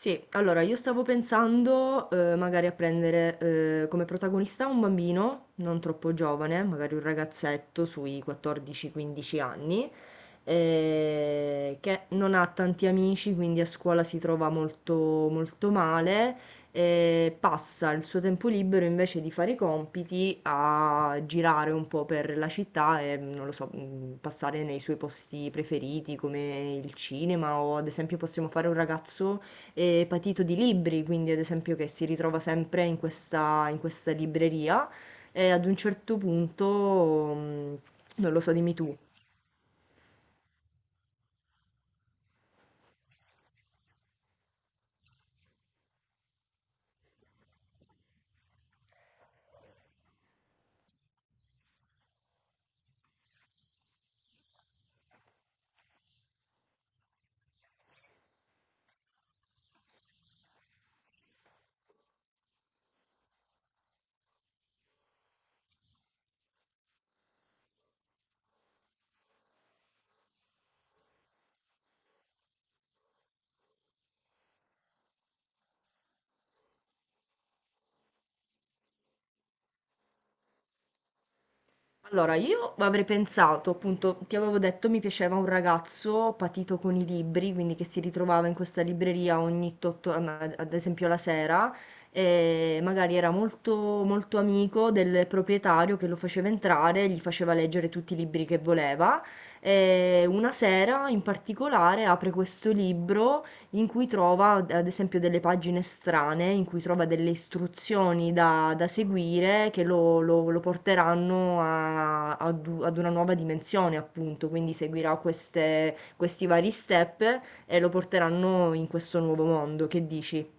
Sì, allora io stavo pensando, magari a prendere, come protagonista un bambino, non troppo giovane, magari un ragazzetto sui 14-15 anni, che non ha tanti amici, quindi a scuola si trova molto male e passa il suo tempo libero invece di fare i compiti a girare un po' per la città e, non lo so, passare nei suoi posti preferiti come il cinema o ad esempio possiamo fare un ragazzo e patito di libri, quindi ad esempio che si ritrova sempre in questa libreria e ad un certo punto, mm, non lo so, dimmi tu. Allora, io avrei pensato, appunto, ti avevo detto mi piaceva un ragazzo patito con i libri, quindi che si ritrovava in questa libreria ogni tot, ad esempio la sera, e magari era molto amico del proprietario che lo faceva entrare, gli faceva leggere tutti i libri che voleva. E una sera in particolare apre questo libro in cui trova ad esempio delle pagine strane, in cui trova delle istruzioni da seguire che lo porteranno ad una nuova dimensione, appunto. Quindi seguirà questi vari step e lo porteranno in questo nuovo mondo. Che dici?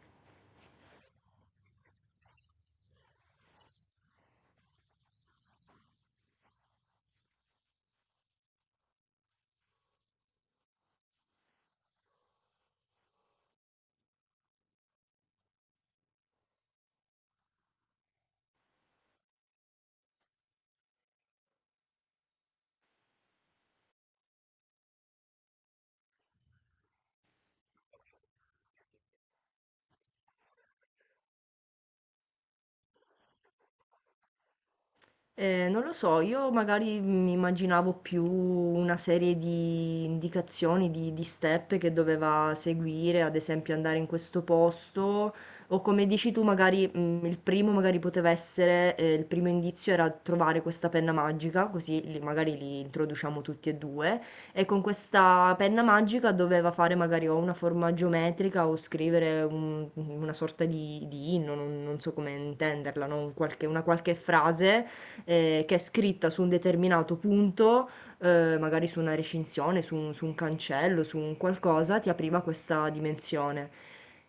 Non lo so, io magari mi immaginavo più una serie di indicazioni, di step che doveva seguire, ad esempio andare in questo posto, o come dici tu, magari il primo magari poteva essere, il primo indizio era trovare questa penna magica, così magari li introduciamo tutti e due, e con questa penna magica doveva fare magari o una forma geometrica o scrivere una sorta di inno, non so come intenderla, no? Una qualche frase che è scritta su un determinato punto, magari su una recinzione, su su un cancello, su un qualcosa, ti apriva questa dimensione.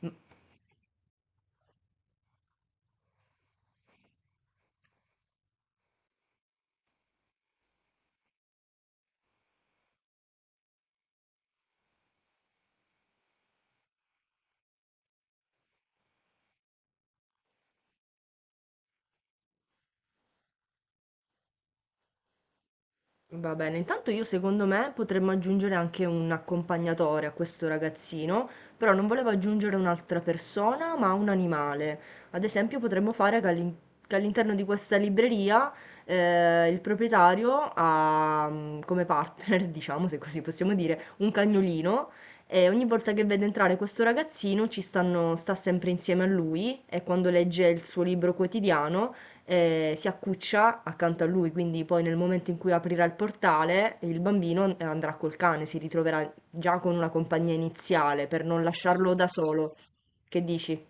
M- Va bene, intanto io secondo me potremmo aggiungere anche un accompagnatore a questo ragazzino, però non volevo aggiungere un'altra persona, ma un animale. Ad esempio potremmo fare che all'interno di questa libreria il proprietario ha come partner, diciamo se così possiamo dire, un cagnolino e ogni volta che vede entrare questo ragazzino ci stanno, sta sempre insieme a lui e quando legge il suo libro quotidiano si accuccia accanto a lui, quindi poi nel momento in cui aprirà il portale, il bambino andrà col cane, si ritroverà già con una compagnia iniziale per non lasciarlo da solo. Che dici?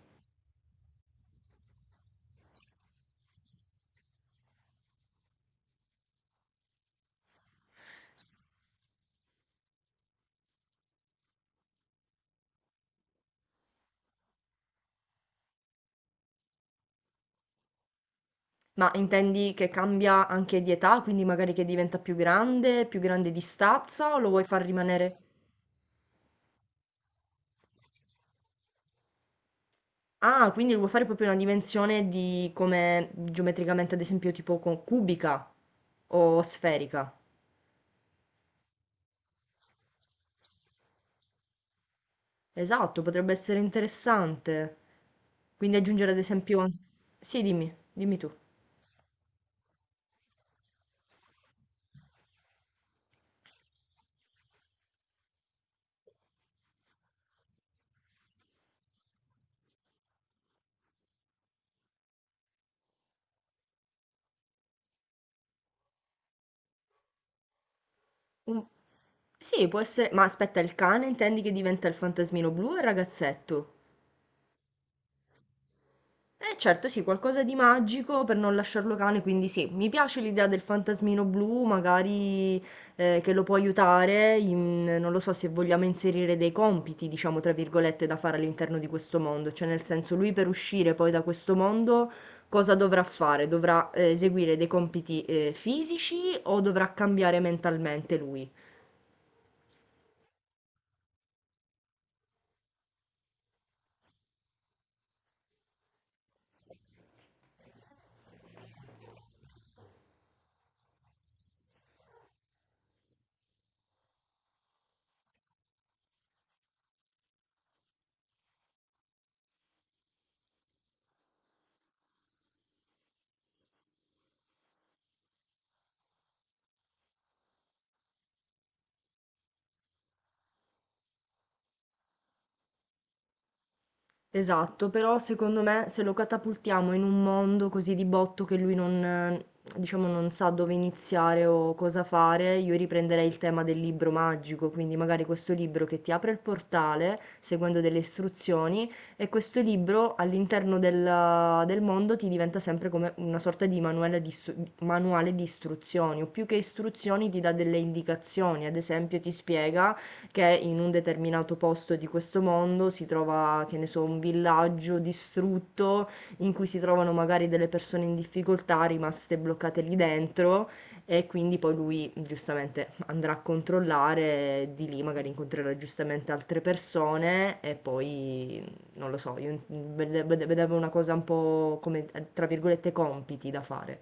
Ma intendi che cambia anche di età, quindi magari che diventa più grande di stazza, o lo vuoi far rimanere? Ah, quindi lo vuoi fare proprio una dimensione di come geometricamente, ad esempio, tipo cubica o sferica? Esatto, potrebbe essere interessante. Quindi aggiungere ad esempio an sì, dimmi tu. Un sì, può essere ma aspetta, il cane intendi che diventa il fantasmino blu o il ragazzetto? Eh certo, sì, qualcosa di magico per non lasciarlo cane, quindi sì, mi piace l'idea del fantasmino blu, magari che lo può aiutare, non lo so se vogliamo inserire dei compiti, diciamo, tra virgolette, da fare all'interno di questo mondo, cioè nel senso lui per uscire poi da questo mondo cosa dovrà fare? Dovrà eseguire dei compiti fisici o dovrà cambiare mentalmente lui? Esatto, però secondo me se lo catapultiamo in un mondo così di botto che lui non, diciamo, non sa dove iniziare o cosa fare, io riprenderei il tema del libro magico, quindi magari questo libro che ti apre il portale seguendo delle istruzioni e questo libro all'interno del mondo ti diventa sempre come una sorta di manuale di istruzioni o più che istruzioni ti dà delle indicazioni, ad esempio ti spiega che in un determinato posto di questo mondo si trova, che ne so, un villaggio distrutto in cui si trovano magari delle persone in difficoltà rimaste bloccate lì dentro e quindi poi lui giustamente andrà a controllare, e di lì magari incontrerà giustamente altre persone e poi non lo so, io vedevo una cosa un po' come tra virgolette compiti da fare.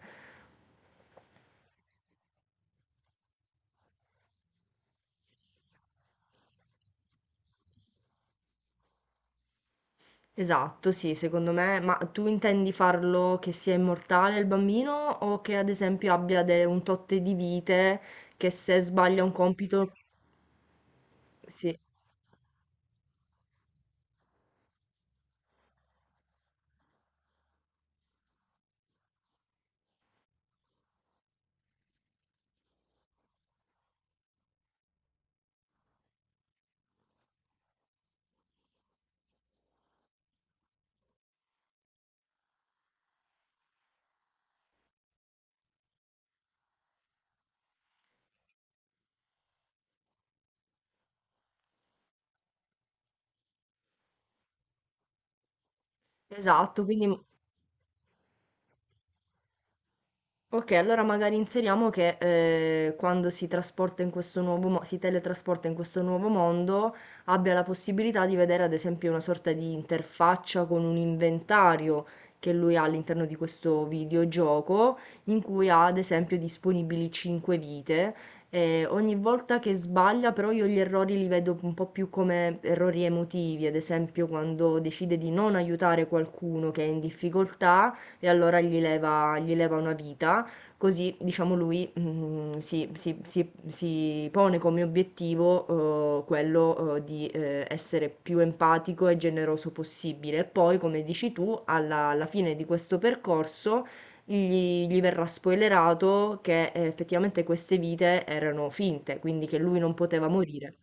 Esatto, sì, secondo me. Ma tu intendi farlo che sia immortale il bambino o che ad esempio un tot di vite che se sbaglia un compito. Sì, esatto, quindi ok, allora magari inseriamo che quando si trasporta in questo si teletrasporta in questo nuovo mondo, abbia la possibilità di vedere ad esempio una sorta di interfaccia con un inventario che lui ha all'interno di questo videogioco, in cui ha ad esempio disponibili 5 vite. E ogni volta che sbaglia, però io gli errori li vedo un po' più come errori emotivi, ad esempio quando decide di non aiutare qualcuno che è in difficoltà e allora gli leva una vita. Così, diciamo, lui, si pone come obiettivo, quello, di essere più empatico e generoso possibile. E poi, come dici tu, alla fine di questo percorso gli verrà spoilerato che effettivamente queste vite erano finte, quindi che lui non poteva morire.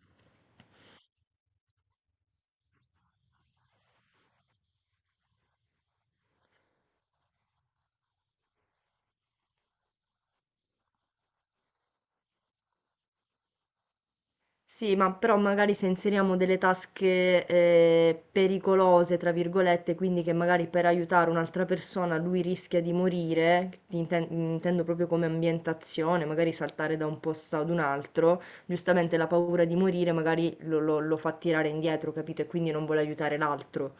Sì, ma però magari se inseriamo delle tasche pericolose, tra virgolette, quindi che magari per aiutare un'altra persona lui rischia di morire, intendo proprio come ambientazione, magari saltare da un posto ad un altro, giustamente la paura di morire magari lo fa tirare indietro, capito? E quindi non vuole aiutare l'altro.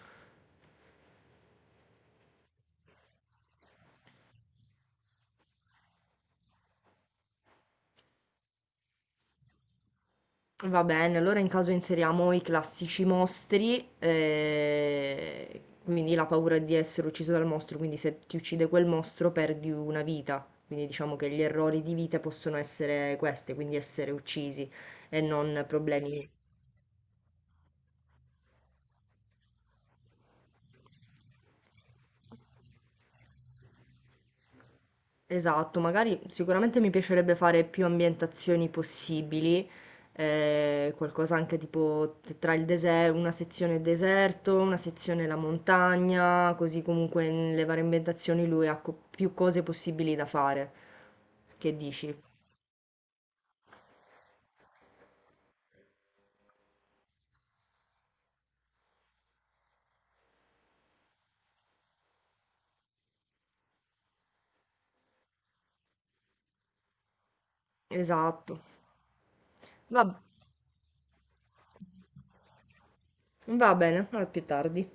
Va bene, allora in caso inseriamo i classici mostri, quindi la paura di essere ucciso dal mostro, quindi se ti uccide quel mostro perdi una vita, quindi diciamo che gli errori di vita possono essere questi, quindi essere uccisi e non problemi. Esatto, magari sicuramente mi piacerebbe fare più ambientazioni possibili, qualcosa anche tipo tra il deserto, una sezione la montagna, così comunque nelle varie ambientazioni lui ha più cose possibili da fare. Che dici? Esatto. Va, va bene, a più tardi.